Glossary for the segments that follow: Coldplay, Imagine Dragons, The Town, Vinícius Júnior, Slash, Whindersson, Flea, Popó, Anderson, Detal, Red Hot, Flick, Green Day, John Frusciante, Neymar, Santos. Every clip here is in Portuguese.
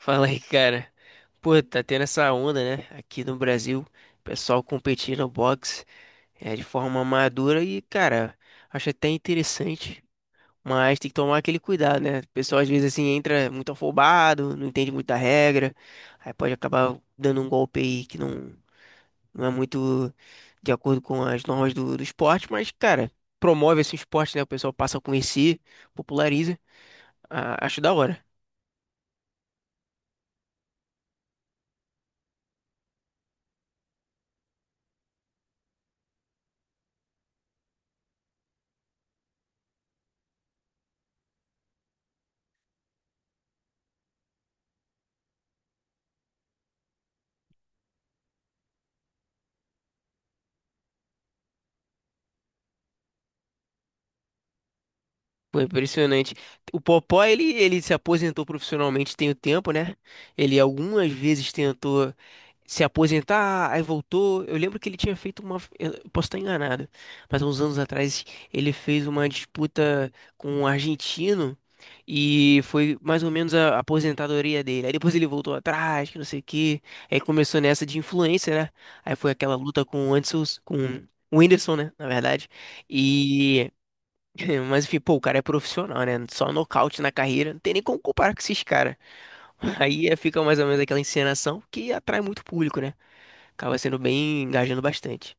Fala aí, cara. Pô, tá tendo essa onda, né? Aqui no Brasil, o pessoal competindo no boxe de forma madura e, cara, acho até interessante, mas tem que tomar aquele cuidado, né? O pessoal às vezes assim entra muito afobado, não entende muita regra, aí pode acabar dando um golpe aí que não, não é muito de acordo com as normas do esporte, mas, cara, promove esse esporte, né? O pessoal passa a conhecer, populariza. Ah, acho da hora. Pô, impressionante. O Popó, ele se aposentou profissionalmente tem o tempo, né? Ele algumas vezes tentou se aposentar, aí voltou. Eu lembro que ele tinha feito uma. Eu posso estar enganado, mas uns anos atrás ele fez uma disputa com um argentino e foi mais ou menos a aposentadoria dele. Aí depois ele voltou atrás, que não sei o quê. Aí começou nessa de influência, né? Aí foi aquela luta com o Anderson, com o Whindersson, né? Na verdade. e Mas enfim, pô, o cara é profissional, né? Só nocaute na carreira, não tem nem como comparar com esses caras. Fica mais ou menos aquela encenação que atrai muito público, né? Acaba sendo bem engajando bastante.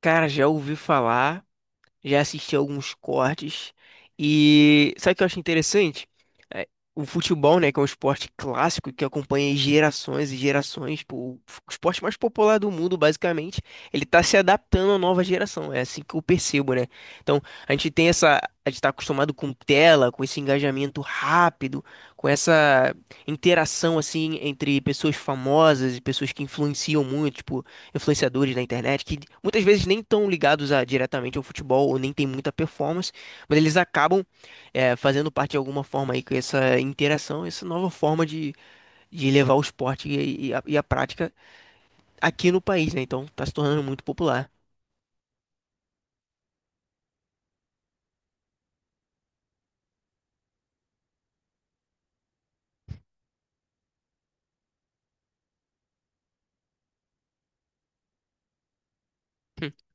Cara, já ouvi falar. Já assisti alguns cortes e sabe o que eu acho interessante? É, o futebol, né, que é um esporte clássico que acompanha gerações e gerações, pô, o esporte mais popular do mundo, basicamente, ele tá se adaptando à nova geração, é assim que eu percebo, né? Então, a gente tem essa, a gente tá acostumado com tela, com esse engajamento rápido, com essa interação assim entre pessoas famosas e pessoas que influenciam muito, tipo influenciadores na internet que muitas vezes nem estão ligados a, diretamente ao futebol ou nem tem muita performance, mas eles acabam fazendo parte de alguma forma aí com essa interação, essa nova forma de levar o esporte e a prática aqui no país, né? Então tá se tornando muito popular.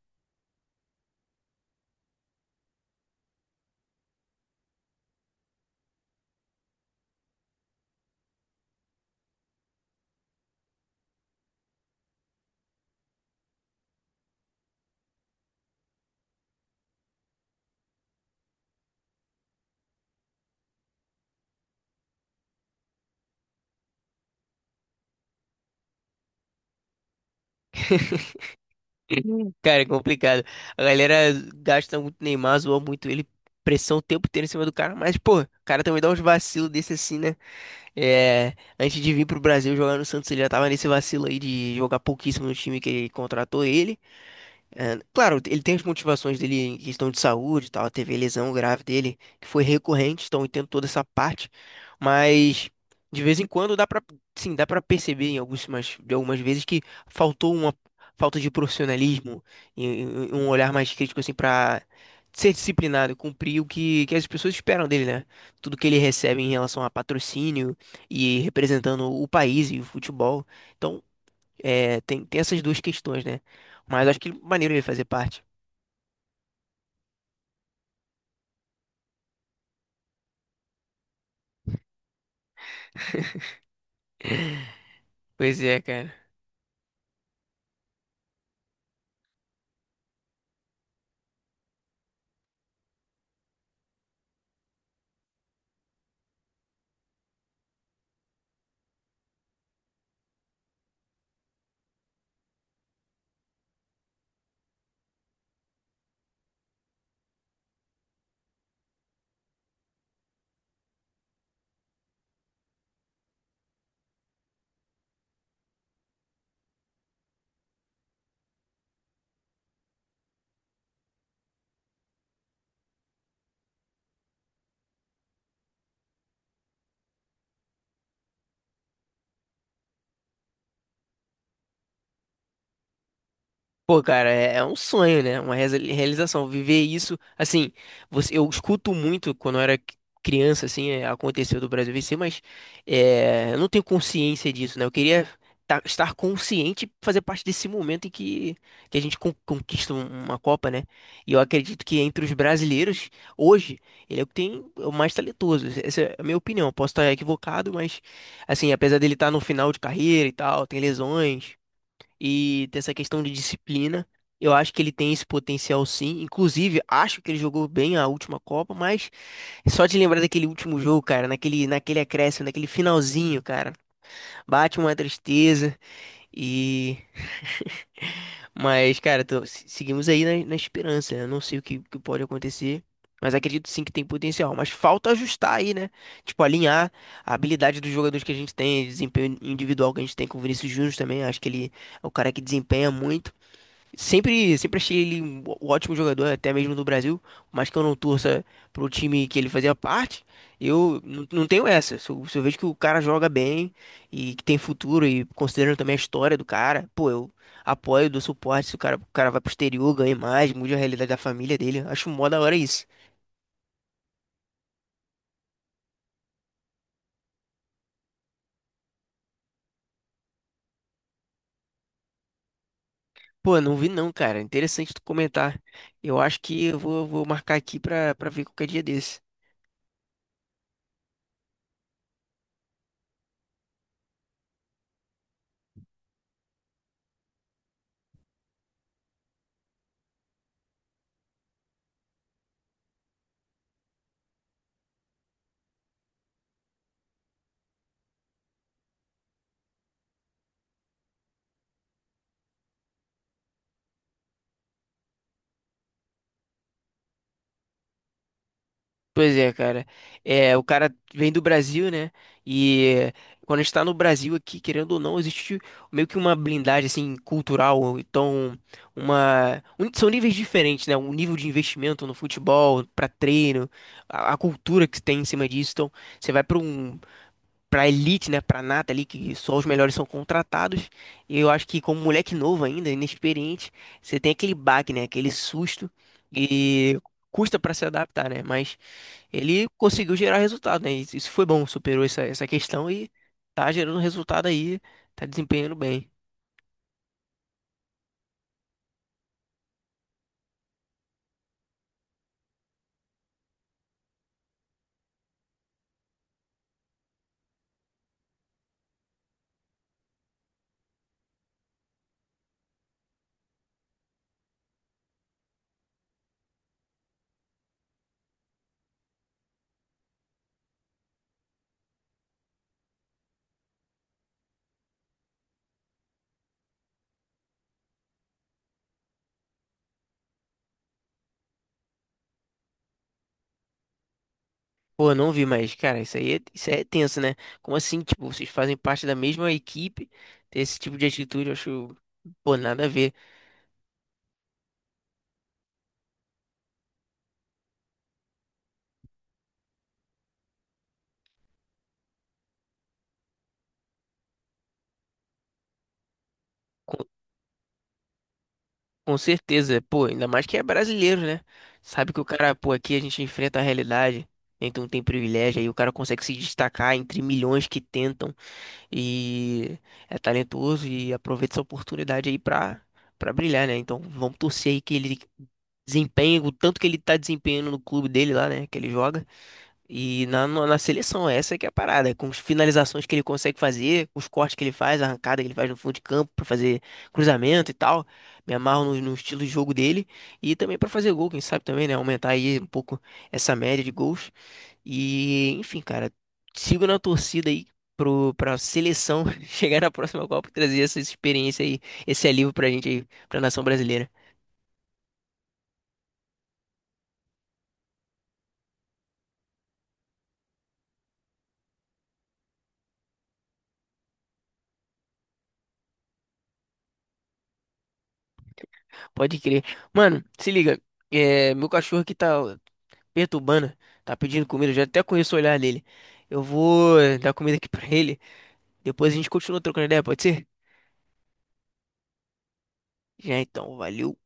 Cara, é complicado. A galera gasta muito Neymar, zoa muito ele, pressão o tempo inteiro em cima do cara, mas pô, o cara também dá uns vacilos desse assim, né? Antes de vir pro Brasil jogar no Santos, ele já tava nesse vacilo aí de jogar pouquíssimo no time que contratou ele. Claro, ele tem as motivações dele em questão de saúde e tal, teve a lesão grave dele, que foi recorrente, então eu entendo toda essa parte, mas de vez em quando dá pra, sim, dá pra perceber em algumas, de algumas vezes que faltou uma falta de profissionalismo e- e um olhar mais crítico assim pra ser disciplinado, cumprir o que, que as pessoas esperam dele, né? Tudo que ele recebe em relação a patrocínio e representando o país e o futebol. Então, tem essas duas questões, né? Mas acho que é maneiro ele fazer parte. Pois é, cara. Pô, cara, é um sonho, né? Uma realização. Viver isso, assim, você, eu escuto muito quando eu era criança, assim, aconteceu do Brasil vencer, mas eu não tenho consciência disso, né? Eu queria estar consciente e fazer parte desse momento em que a gente conquista uma Copa, né? E eu acredito que entre os brasileiros, hoje, ele é o que tem o mais talentoso. Essa é a minha opinião. Posso estar equivocado, mas, assim, apesar dele estar no final de carreira e tal, tem lesões e dessa questão de disciplina. Eu acho que ele tem esse potencial sim. Inclusive, acho que ele jogou bem a última Copa, mas só de lembrar daquele último jogo, cara, naquele, naquele acréscimo, naquele finalzinho, cara, bate uma tristeza. E. Mas, cara, seguimos aí na, na esperança, né? Eu não sei o que, que pode acontecer, mas acredito sim que tem potencial. Mas falta ajustar aí, né? Tipo, alinhar a habilidade dos jogadores que a gente tem, desempenho individual que a gente tem com o Vinícius Júnior também. Acho que ele é o cara que desempenha muito. Sempre achei ele um um ótimo jogador, até mesmo no Brasil, mas que eu não torça pro time que ele fazia parte, eu não tenho essa. Se eu vejo que o cara joga bem e que tem futuro, e considerando também a história do cara, pô, eu apoio, dou suporte. Se o cara, o cara vai pro exterior, ganha mais, mude a realidade da família dele, acho mó da hora isso. Pô, não vi não, cara. Interessante tu comentar. Eu acho que eu vou marcar aqui pra, pra ver qualquer dia desse. Pois é, cara. É, o cara vem do Brasil, né? E quando a gente tá no Brasil aqui, querendo ou não, existe meio que uma blindagem assim cultural, ou então uma são níveis diferentes, né? O nível de investimento no futebol, pra treino, a cultura que tem em cima disso. Então, você vai pra um pra elite, né, pra nata ali, que só os melhores são contratados. E eu acho que como moleque novo ainda, inexperiente, você tem aquele baque, né, aquele susto e custa pra se adaptar, né? Mas ele conseguiu gerar resultado, né? Isso foi bom, superou essa, essa questão e tá gerando resultado aí, tá desempenhando bem. Pô, eu não vi, mas, cara, isso aí é tenso, né? Como assim, tipo, vocês fazem parte da mesma equipe, ter esse tipo de atitude, eu acho, pô, nada a ver. Com certeza, pô, ainda mais que é brasileiro, né? Sabe que o cara, pô, aqui a gente enfrenta a realidade, né? Então tem privilégio, aí o cara consegue se destacar entre milhões que tentam e é talentoso e aproveita essa oportunidade aí pra, pra brilhar, né? Então vamos torcer aí que ele desempenhe o tanto que ele tá desempenhando no clube dele lá, né? Que ele joga. E na, na seleção, essa que é a parada, é com as finalizações que ele consegue fazer, os cortes que ele faz, a arrancada que ele faz no fundo de campo pra fazer cruzamento e tal. Me amarro no estilo de jogo dele e também pra fazer gol, quem sabe também, né? Aumentar aí um pouco essa média de gols. E, enfim, cara, sigo na torcida aí pra seleção chegar na próxima Copa e trazer essa experiência aí, esse alívio pra gente aí, pra nação brasileira. Pode crer. Mano, se liga. É, meu cachorro aqui tá perturbando, tá pedindo comida, eu já até conheço o olhar dele. Eu vou dar comida aqui pra ele, depois a gente continua trocando ideia, pode ser? Já então, valeu.